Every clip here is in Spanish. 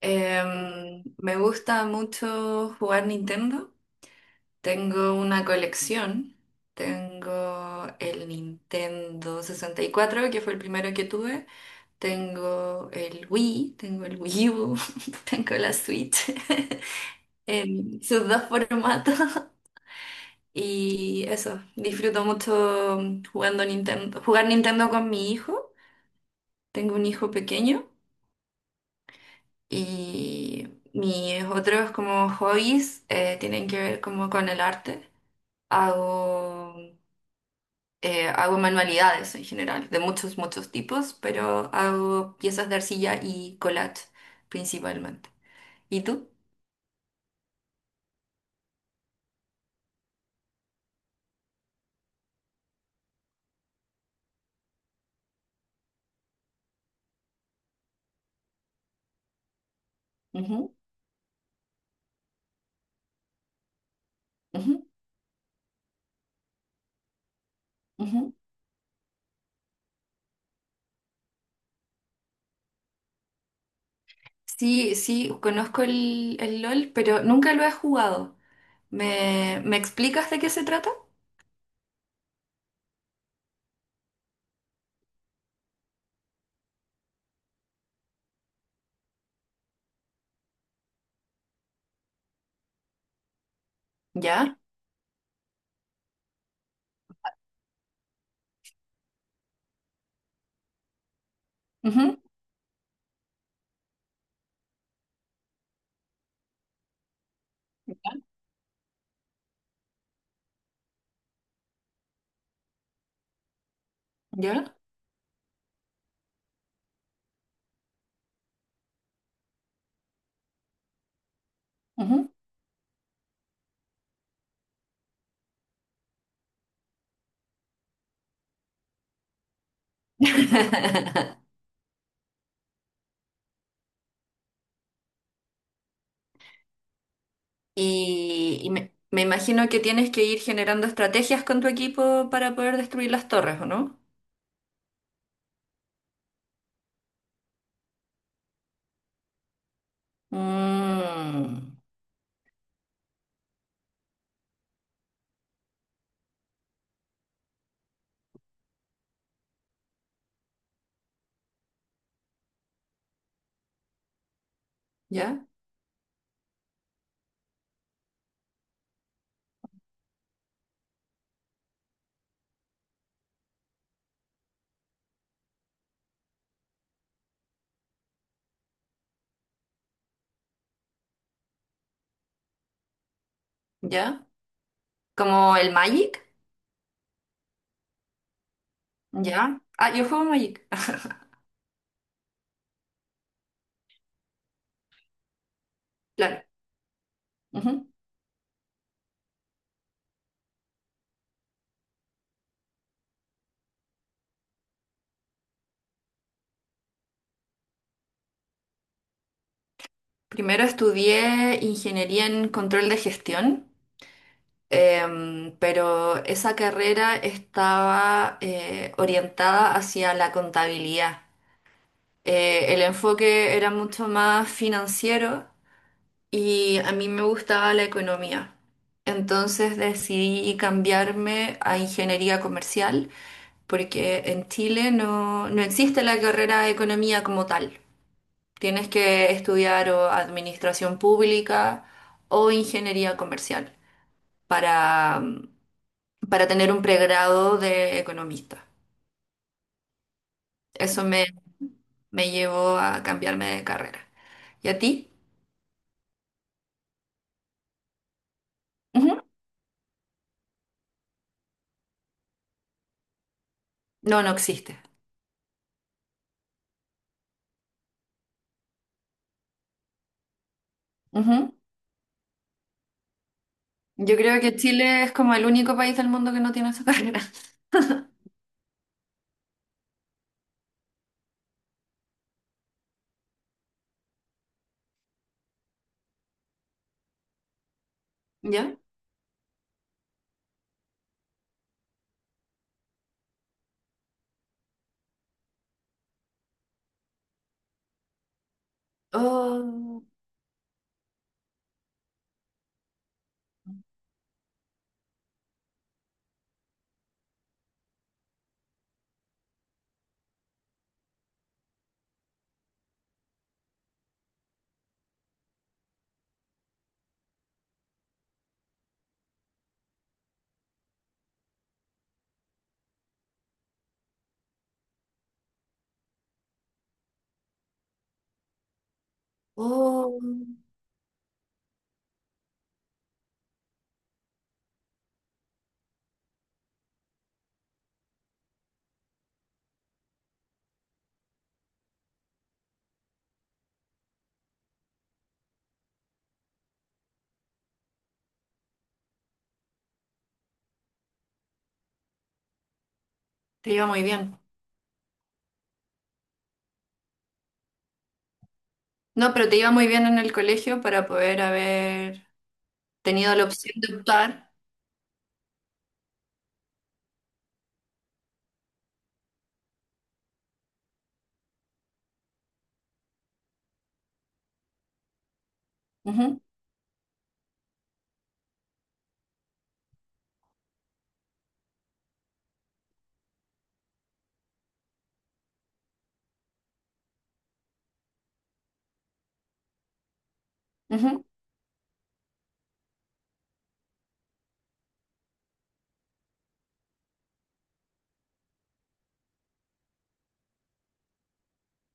Me gusta mucho jugar Nintendo. Tengo una colección. Tengo el Nintendo 64, que fue el primero que tuve. Tengo el Wii U, tengo la Switch en sus dos formatos. Y eso, disfruto mucho jugando Nintendo, jugar Nintendo con mi hijo. Tengo un hijo pequeño. Y mis otros como hobbies tienen que ver como con el arte. Hago, hago manualidades en general, de muchos, muchos tipos, pero hago piezas de arcilla y collage principalmente. ¿Y tú? Ujú. Ujú. Ujú. Sí, sí, conozco el LOL, pero nunca lo he jugado. ¿Me explicas de qué se trata? Ya. Ujú. Ya. Ujú. Y me imagino que tienes que ir generando estrategias con tu equipo para poder destruir las torres, ¿o no? Mm, ya, ya. ¿Como el Magic? Ya. Ah, yo juego Magic. Claro. Ujú. Primero estudié ingeniería en control de gestión. Pero esa carrera estaba orientada hacia la contabilidad. El enfoque era mucho más financiero y a mí me gustaba la economía. Entonces decidí cambiarme a ingeniería comercial porque en Chile no, no existe la carrera de economía como tal. Tienes que estudiar o administración pública o ingeniería comercial para mm, para tener un pregrado de economista. Eso me llevó a cambiarme de carrera. ¿Y a ti? Ujú. No, no existe. Ujú. Yo creo que Chile es como el único país del mundo que no tiene esa carrera. ¿Ya? Oh, oh, te iba muy bien. No, pero te iba muy bien en el colegio para poder haber tenido la opción de optar. Ujú. Ujú.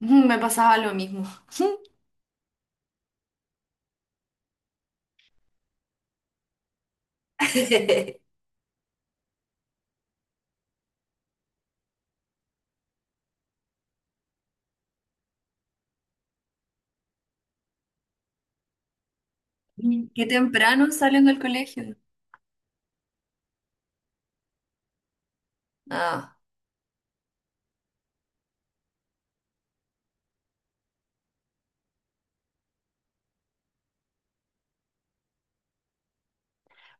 Ujú. Me pasaba lo mismo. Qué temprano salen del colegio. Ah.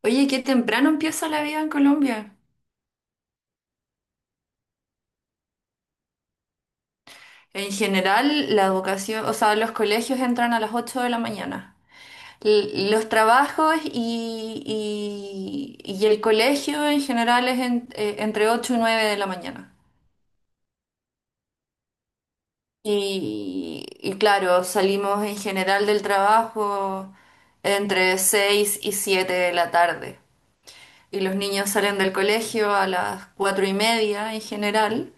Oye, qué temprano empieza la vida en Colombia. En general, la educación, o sea, los colegios entran a las 8 de la mañana. Los trabajos y el colegio en general es entre 8 y 9 de la mañana. Y claro, salimos en general del trabajo entre 6 y 7 de la tarde. Y los niños salen del colegio a las 4:30 en general.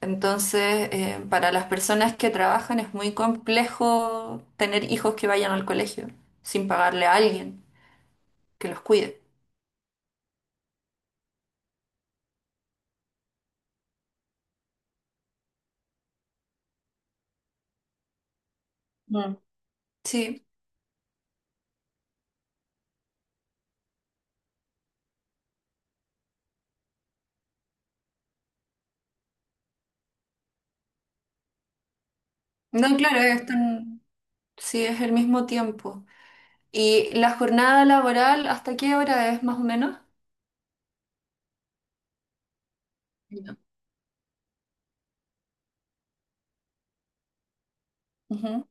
Entonces, para las personas que trabajan es muy complejo tener hijos que vayan al colegio sin pagarle a alguien que los cuide. Mm. Sí, no, claro, están, sí, es el mismo tiempo. ¿Y la jornada laboral, hasta qué hora es más o menos? Ya. Ujú.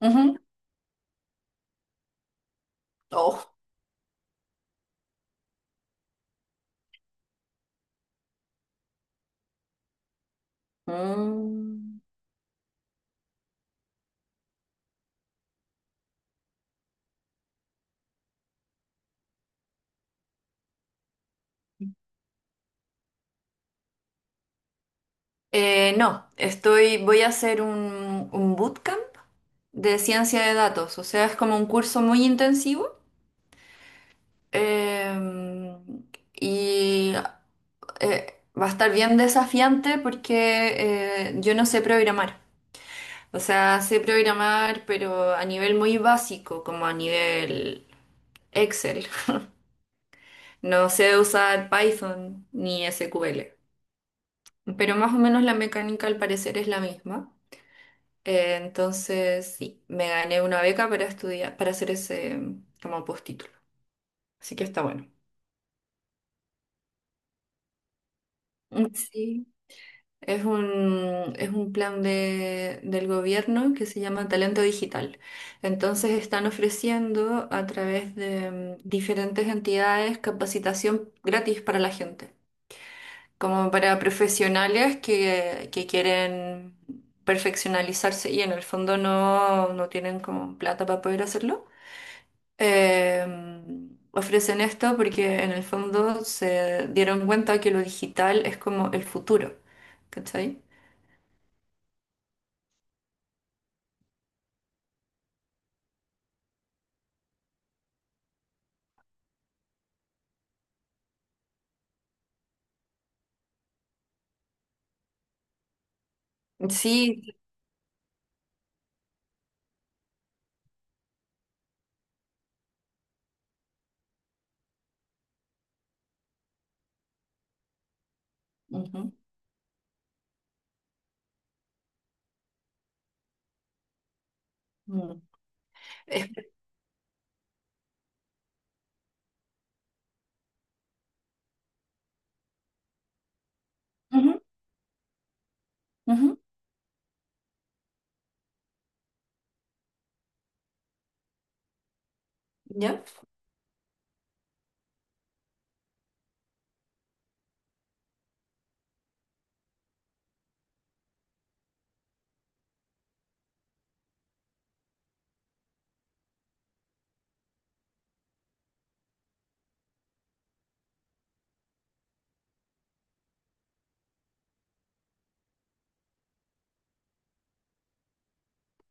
Ujú. Oh. Mm. No, voy a hacer un bootcamp de ciencia de datos, o sea, es como un curso muy intensivo. Eh, y va a estar bien desafiante porque yo no sé programar. O sea, sé programar, pero a nivel muy básico, como a nivel Excel. No sé usar Python ni SQL. Pero más o menos la mecánica al parecer es la misma. Entonces, sí, me gané una beca para estudiar, para hacer ese como postítulo. Así que está bueno. Sí. Es un plan del gobierno que se llama Talento Digital. Entonces están ofreciendo a través de diferentes entidades capacitación gratis para la gente, como para profesionales que quieren perfeccionalizarse y en el fondo no, no tienen como plata para poder hacerlo. Ofrecen esto porque en el fondo se dieron cuenta que lo digital es como el futuro, ¿cachai? Sí. Ujú. Ujú. Es- Ujú. Ujú. ¿Ya?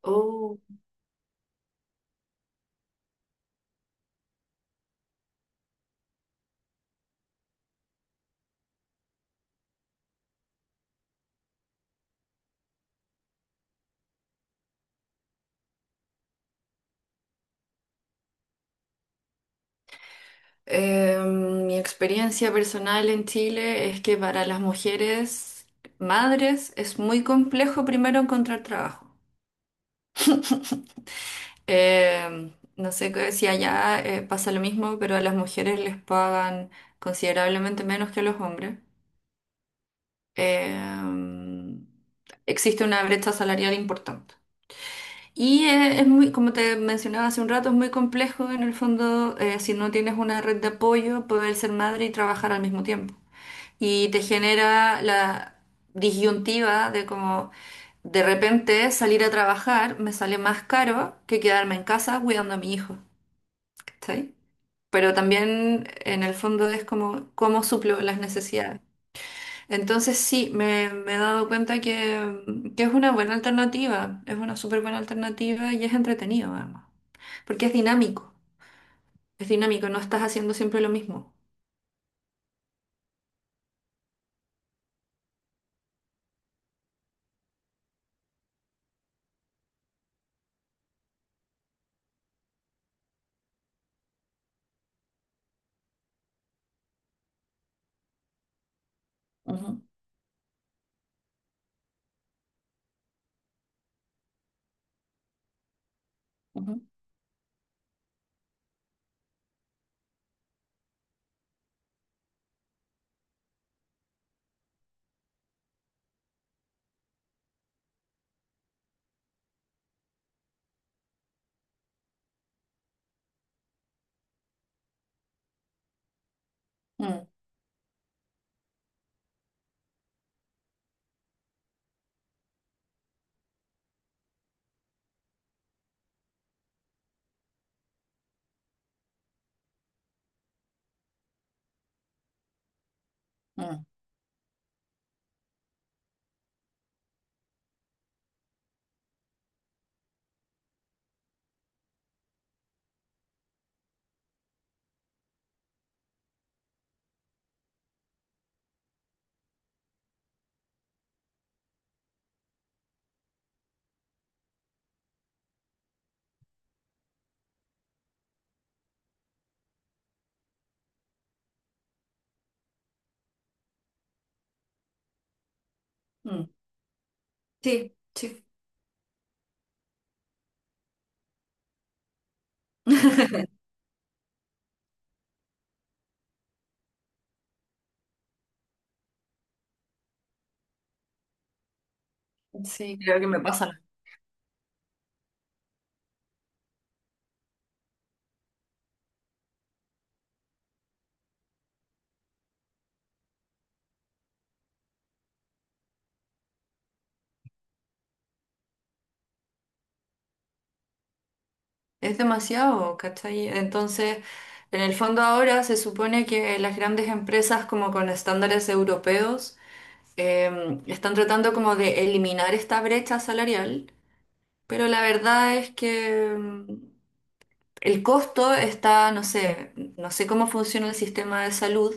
Oh. Mi experiencia personal en Chile es que para las mujeres madres es muy complejo primero encontrar trabajo. Eh, no sé si allá pasa lo mismo, pero a las mujeres les pagan considerablemente menos que a los hombres. Eh, Existe una brecha salarial importante. Y es muy, como te mencionaba hace un rato, es muy complejo en el fondo, si no tienes una red de apoyo, poder ser madre y trabajar al mismo tiempo. Y te genera la disyuntiva de como de repente salir a trabajar me sale más caro que quedarme en casa cuidando a mi hijo, ¿cachai? Pero también en el fondo es como cómo suplo las necesidades. Entonces sí, me he dado cuenta que es una buena alternativa, es una súper buena alternativa y es entretenido, además. Porque es dinámico, no estás haciendo siempre lo mismo. Ujú. Ujú. Mm. Mm. Mm. Sí, sí. Sí, creo que me pasa. Es demasiado, ¿cachai? Entonces, en el fondo ahora se supone que las grandes empresas como con estándares europeos eh, están tratando como de eliminar esta brecha salarial, pero la verdad es que el costo está, no sé, no sé cómo funciona el sistema de salud.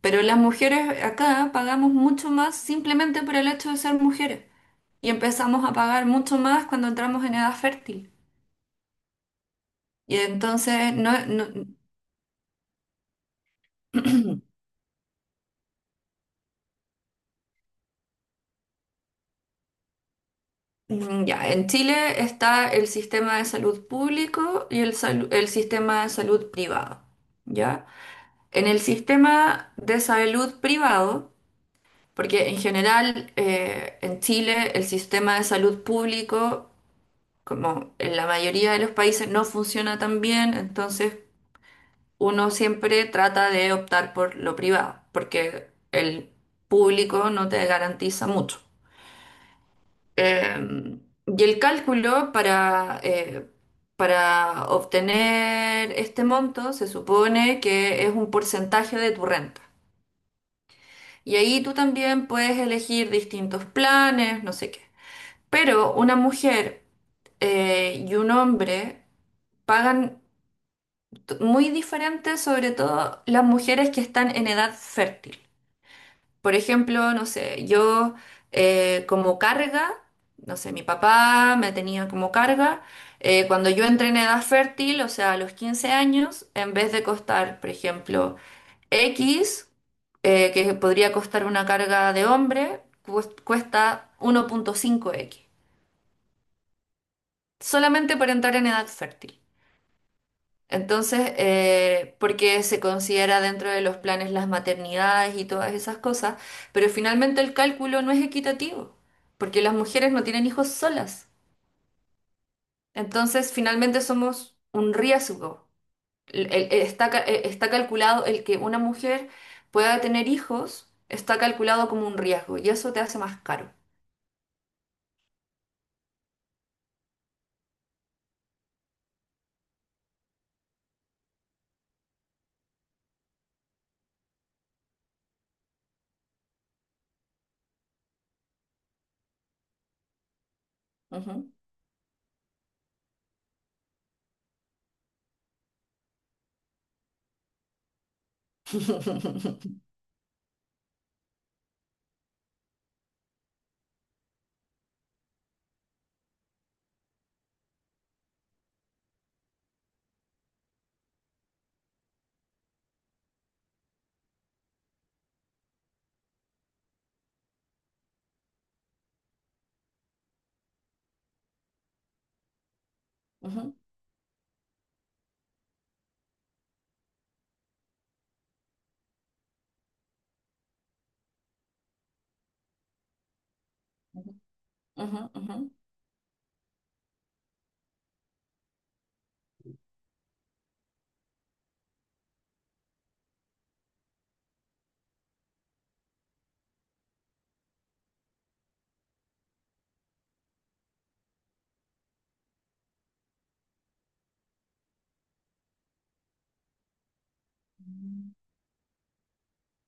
Pero las mujeres acá pagamos mucho más simplemente por el hecho de ser mujeres. Y empezamos a pagar mucho más cuando entramos en edad fértil. Y entonces, no. Ya, en Chile está el sistema de salud público y el sistema de salud privado. ¿Ya? En el sistema de salud privado, porque en general en Chile el sistema de salud público, como en la mayoría de los países, no funciona tan bien, entonces uno siempre trata de optar por lo privado, porque el público no te garantiza mucho. Eh, y el cálculo para obtener este monto se supone que es un porcentaje de tu renta. Y ahí tú también puedes elegir distintos planes, no sé qué. Pero una mujer y un hombre pagan muy diferente, sobre todo las mujeres que están en edad fértil. Por ejemplo, no sé, yo como carga, no sé, mi papá me tenía como carga. Cuando yo entré en edad fértil, o sea, a los 15 años, en vez de costar, por ejemplo, X, que podría costar una carga de hombre, cuesta 1.5X, solamente por entrar en edad fértil. Entonces, porque se considera dentro de los planes las maternidades y todas esas cosas, pero finalmente el cálculo no es equitativo, porque las mujeres no tienen hijos solas. Entonces, finalmente somos un riesgo. Está calculado el que una mujer pueda tener hijos, está calculado como un riesgo, y eso te hace más caro. Ujú. Ujú. Ujú. Ujú. Ujú.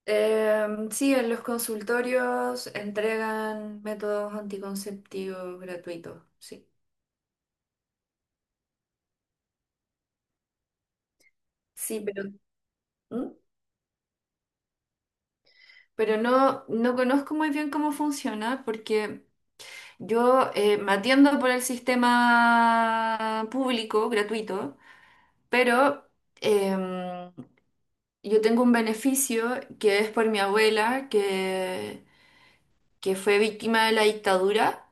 Sí, en los consultorios entregan métodos anticonceptivos gratuitos, sí. Sí, pero, ¿Mm? Pero no, no conozco muy bien cómo funciona porque yo me atiendo por el sistema público gratuito, pero em, yo tengo un beneficio que es por mi abuela que fue víctima de la dictadura,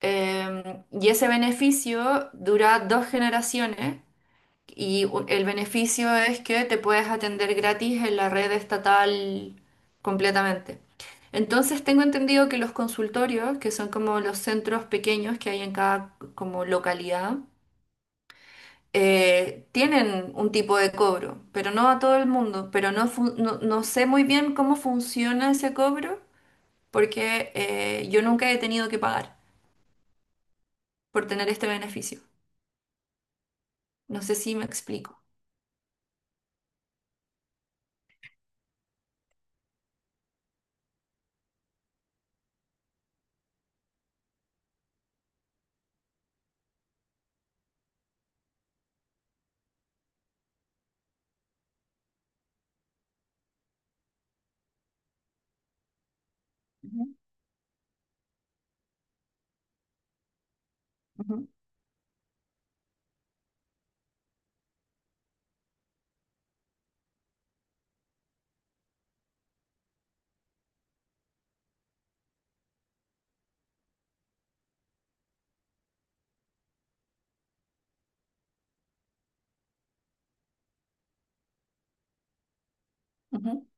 y ese beneficio dura dos generaciones. Y el beneficio es que te puedes atender gratis en la red estatal completamente. Entonces tengo entendido que los consultorios, que son como los centros pequeños que hay en cada como localidad, tienen un tipo de cobro, pero no a todo el mundo. Pero no sé muy bien cómo funciona ese cobro porque yo nunca he tenido que pagar por tener este beneficio. No sé si me explico. Ujú. Ujú. Ujú.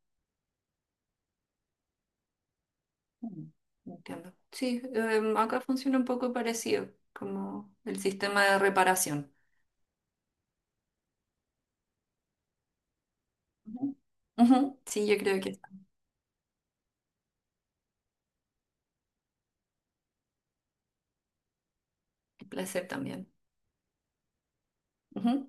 Mm, Entiendo. Sí, acá funciona un poco parecido, como el sistema de reparación. Ujú. Ujú. Sí, yo creo que el placer también. Ujú.